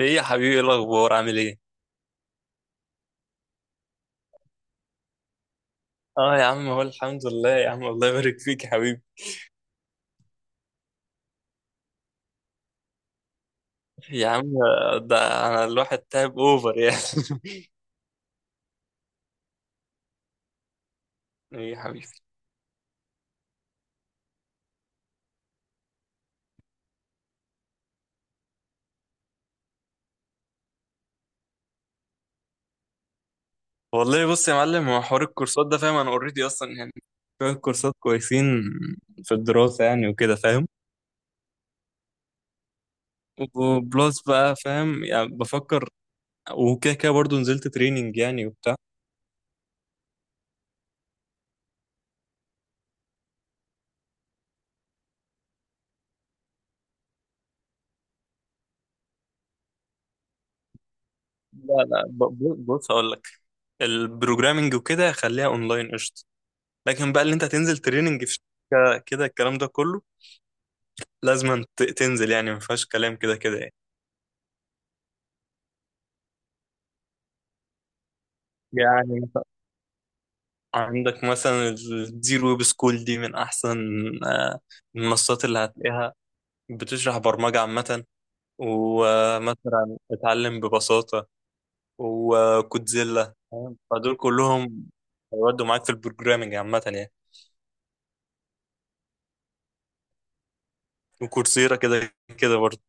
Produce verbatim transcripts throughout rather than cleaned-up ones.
ايه يا حبيبي، ايه الاخبار؟ عامل ايه؟ اه يا عم، هو الحمد لله يا عم. الله يبارك فيك يا حبيبي. يا عم ده انا الواحد تعب اوفر يعني. ايه يا حبيبي. والله بص يا معلم، هو حوار الكورسات ده فاهم؟ انا اوريدي اصلا يعني شويه كورسات كويسين في الدراسه يعني وكده فاهم. وبلس بقى فاهم، يعني بفكر وكده كده برضه نزلت تريننج يعني وبتاع. لا لا ب- ب- بص هقول لك، البروجرامنج وكده خليها اونلاين قشطه. لكن بقى اللي انت هتنزل تريننج في شركه كده الكلام ده كله لازم تنزل يعني، ما فيهاش كلام كده كده يعني. يعني مثلاً عندك مثلا الزيرو ويب سكول دي من احسن آه، المنصات اللي هتلاقيها، بتشرح برمجة عامة، ومثلا اتعلم ببساطة وكودزيلا فاهم؟ فدول كلهم هيودوا معاك في البروجرامنج عامة يعني. وكورسيرا كده كده برضه.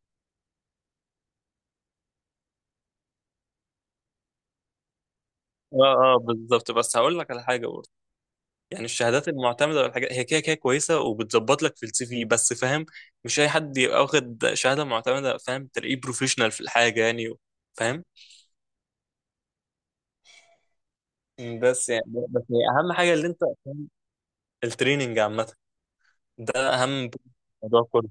اه اه بالظبط، بس هقول لك على حاجة برضه. يعني الشهادات المعتمده والحاجات هي كده كده كويسه وبتظبط لك في السي في، بس فاهم مش اي حد يبقى واخد شهاده معتمده فاهم تلاقيه بروفيشنال في الحاجه يعني، فاهم؟ بس يعني، بس هي اهم حاجه اللي انت التريننج عامه، ده اهم موضوع كله،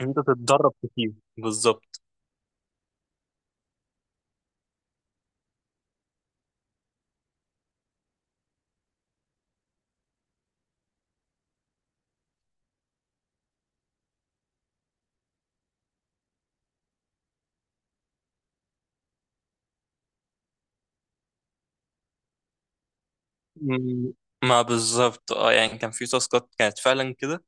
إن انت تتدرب كتير بالظبط. مم. ما بالظبط، اه يعني كان في تاسكات كانت فعلا كده،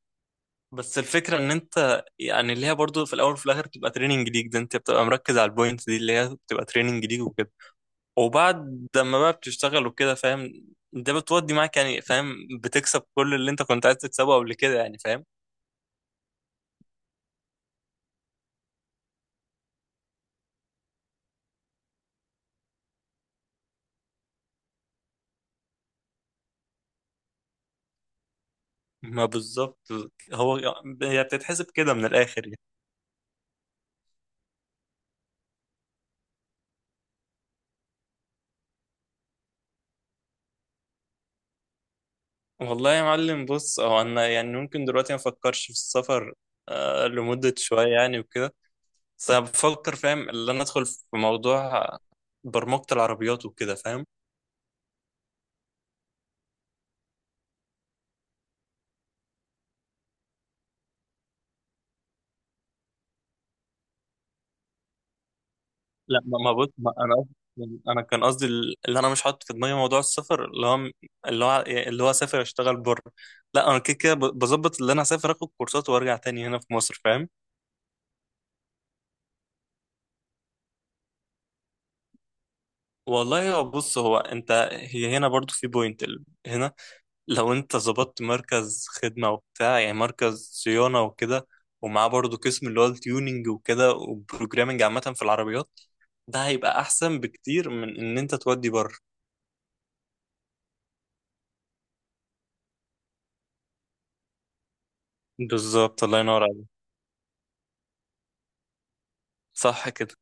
بس الفكره ان انت يعني اللي هي برضو في الاول وفي الاخر بتبقى تريننج ليك. ده انت بتبقى مركز على البوينت دي اللي هي بتبقى تريننج ليك، وبعد لما بقى بتشتغل وكده فاهم، ده بتودي معاك يعني فاهم، بتكسب كل اللي انت كنت عايز تكسبه قبل كده يعني فاهم. ما بالظبط، هو هي بتتحسب كده من الاخر يعني. والله يا معلم بص، هو انا يعني ممكن دلوقتي ما افكرش في السفر آه، لمدة شوية يعني وكده. بس انا بفكر فاهم اللي انا ادخل في موضوع برمجة العربيات وكده فاهم. لا ما ما بص، ما انا قصدي- انا كان قصدي اللي انا مش حاطط في دماغي موضوع السفر، اللي هو اللي هو اللي هو اسافر اشتغل بره. لا انا كده كده ب- بظبط اللي انا اسافر اخد كورسات وارجع تاني هنا في مصر فاهم. والله هو بص، هو انت هي هنا برضو في بوينت ال- هنا لو انت ظبطت مركز خدمة وبتاع يعني مركز صيانة وكده، ومعاه برضو قسم اللي هو التيوننج وكده وبروجرامنج عامة في العربيات، ده هيبقى احسن بكتير من ان انت تودي بره. بالظبط، الله ينور عليك. صح كده.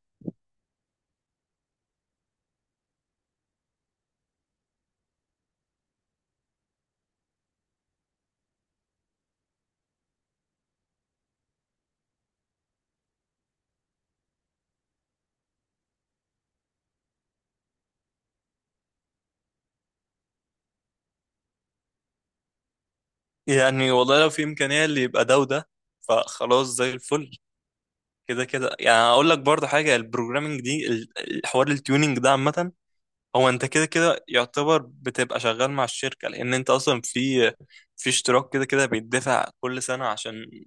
يعني والله لو في إمكانية اللي يبقى ده وده، فخلاص زي الفل. كده كده يعني أقول لك برضه حاجة، البروجرامينج دي ال- الحوار التيونينج ده عامة، هو أنت كده كده يعتبر بتبقى شغال مع الشركة، لأن أنت أصلا في في اشتراك كده كده بيدفع كل سنة عشان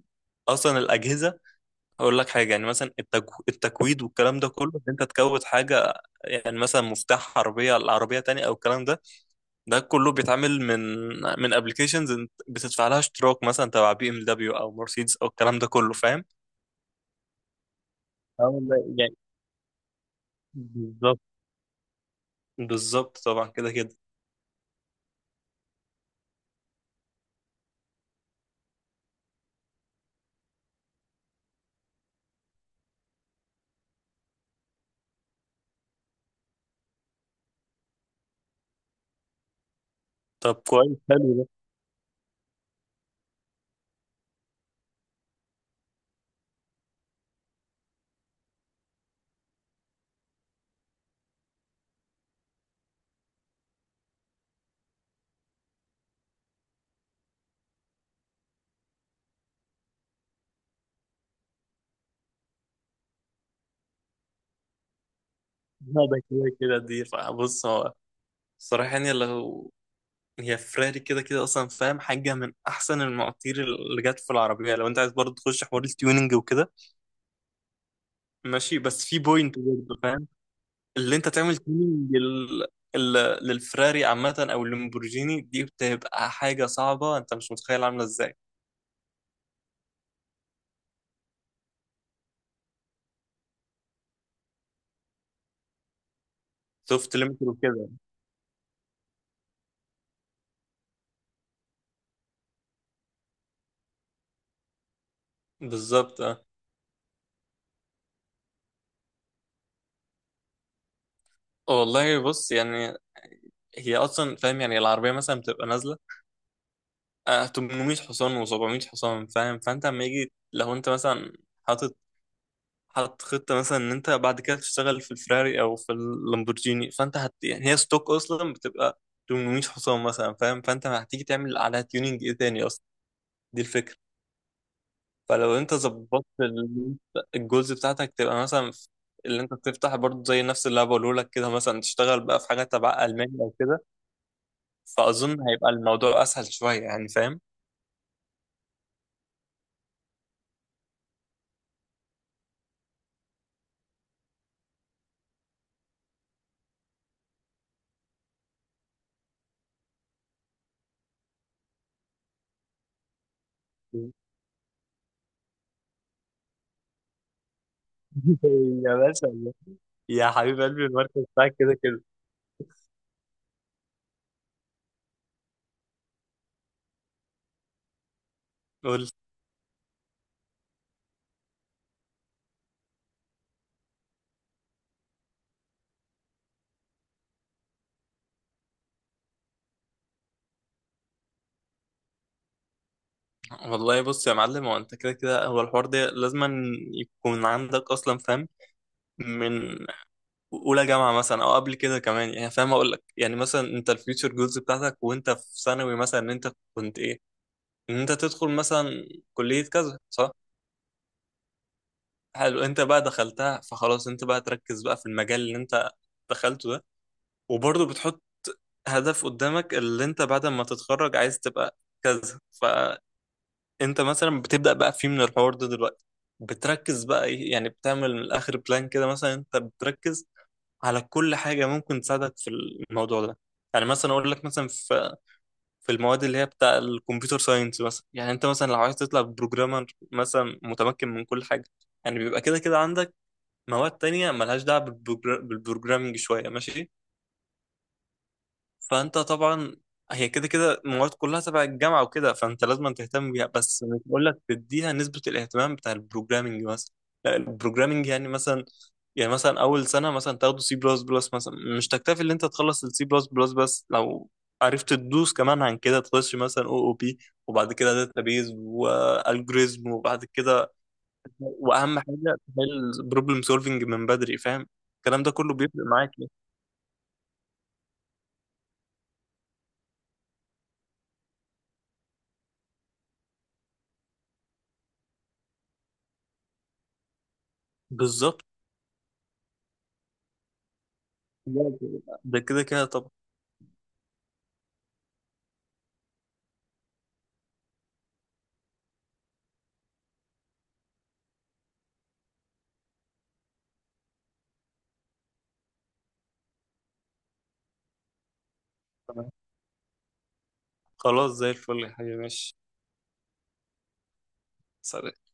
أصلا الأجهزة. هقول لك حاجة، يعني مثلا التكو- التكويد والكلام ده كله إن أنت تكود حاجة، يعني مثلا مفتاح عربية على عربية تانية أو الكلام ده، ده كله بيتعمل من من ابلكيشنز بتدفع لها اشتراك مثلا تبع بي ام دبليو او مرسيدس او الكلام ده كله فاهم. اه والله يعني بالظبط. بالظبط طبعا كده كده. طب كويس، حلو ده. لا ده كده كده دي ف- بص، هو الصراحة يعني، لو هي فراري كده كده اصلا فاهم حاجة من احسن المواتير اللي جت في العربية، لو انت عايز برضه تخش حوار التيوننج وكده ماشي، بس في بوينت برضه. اللي انت تعمل تيمينج لل... لل- للفراري عامة او اللامبورجيني دي بتبقى حاجة صعبة، انت مش متخيل عاملة ازاي. سوفت ليميت وكده، بالظبط اه. أه والله بص يعني هي اصلا فاهم، يعني العربية مثلا بتبقى نازلة آه، تمنمية حصان و700 حصان فاهم. فانت اما يجي لو انت مثلا حاطط حاطط خطة مثلا ان انت بعد كده تشتغل في الفراري او في اللامبورجيني، فانت هت يعني، هي ستوك اصلا بتبقى تمنمية حصان مثلا فاهم، فانت هتيجي تعمل عليها تيوننج ايه تاني اصلا؟ دي الفكرة. فلو انت ظبطت ال- الجزء بتاعتك تبقى مثلا في- اللي انت بتفتح برضه زي نفس اللي انا بقوله لك كده، مثلا تشتغل بقى في حاجه تبع المانيا او كده، فاظن هيبقى الموضوع اسهل شويه يعني فاهم. يا باشا، يا حبيب قلبي، المركز بتاعك كده كده. قول. والله بص يا معلم، هو انت كده كده هو الحوار ده لازم يكون عندك اصلا فاهم من اولى جامعه مثلا او قبل كده كمان يعني فاهم. اقول لك يعني مثلا انت الفيوتشر جولز بتاعتك وانت في ثانوي مثلا ان انت كنت ايه، ان انت تدخل مثلا كلية كذا صح. حلو، انت بقى دخلتها فخلاص انت بقى تركز بقى في المجال اللي انت دخلته ده. وبرضه بتحط هدف قدامك اللي انت بعد ما تتخرج عايز تبقى كذا، فانت مثلا بتبدأ بقى فيه من الحوار ده دلوقتي، بتركز بقى ايه، يعني بتعمل من الاخر بلان كده. مثلا انت بتركز على كل حاجة ممكن تساعدك في الموضوع ده. يعني مثلا اقول لك، مثلا في في المواد اللي هي بتاع الكمبيوتر ساينس مثلا، يعني انت مثلا لو عايز تطلع بروجرامر مثلا متمكن من كل حاجه، يعني بيبقى كده كده عندك مواد تانية ملهاش دعوه بالبروجرامنج شويه ماشي. فانت طبعا هي كده كده المواد كلها تبع الجامعه وكده فانت لازم تهتم بيها، بس مش بقول لك تديها نسبه الاهتمام بتاع البروجرامنج مثلا. لا، البروجرامنج يعني مثلا، يعني مثلا اول سنه مثلا تاخده سي بلس بلس مثلا، مش تكتفي ان انت تخلص السي بلس بلس بس، لو عرفت تدوس كمان عن كده تخش مثلا او او بي، وبعد كده داتابيز والجوريزم، وبعد كده واهم حاجه تحل بروبلم سولفنج من بدري فاهم. الكلام ده كله بيفرق معاك يعني. بالظبط، ده كده كده طبعا. خلاص زي الفل يا حبيبي، ماشي. سلام.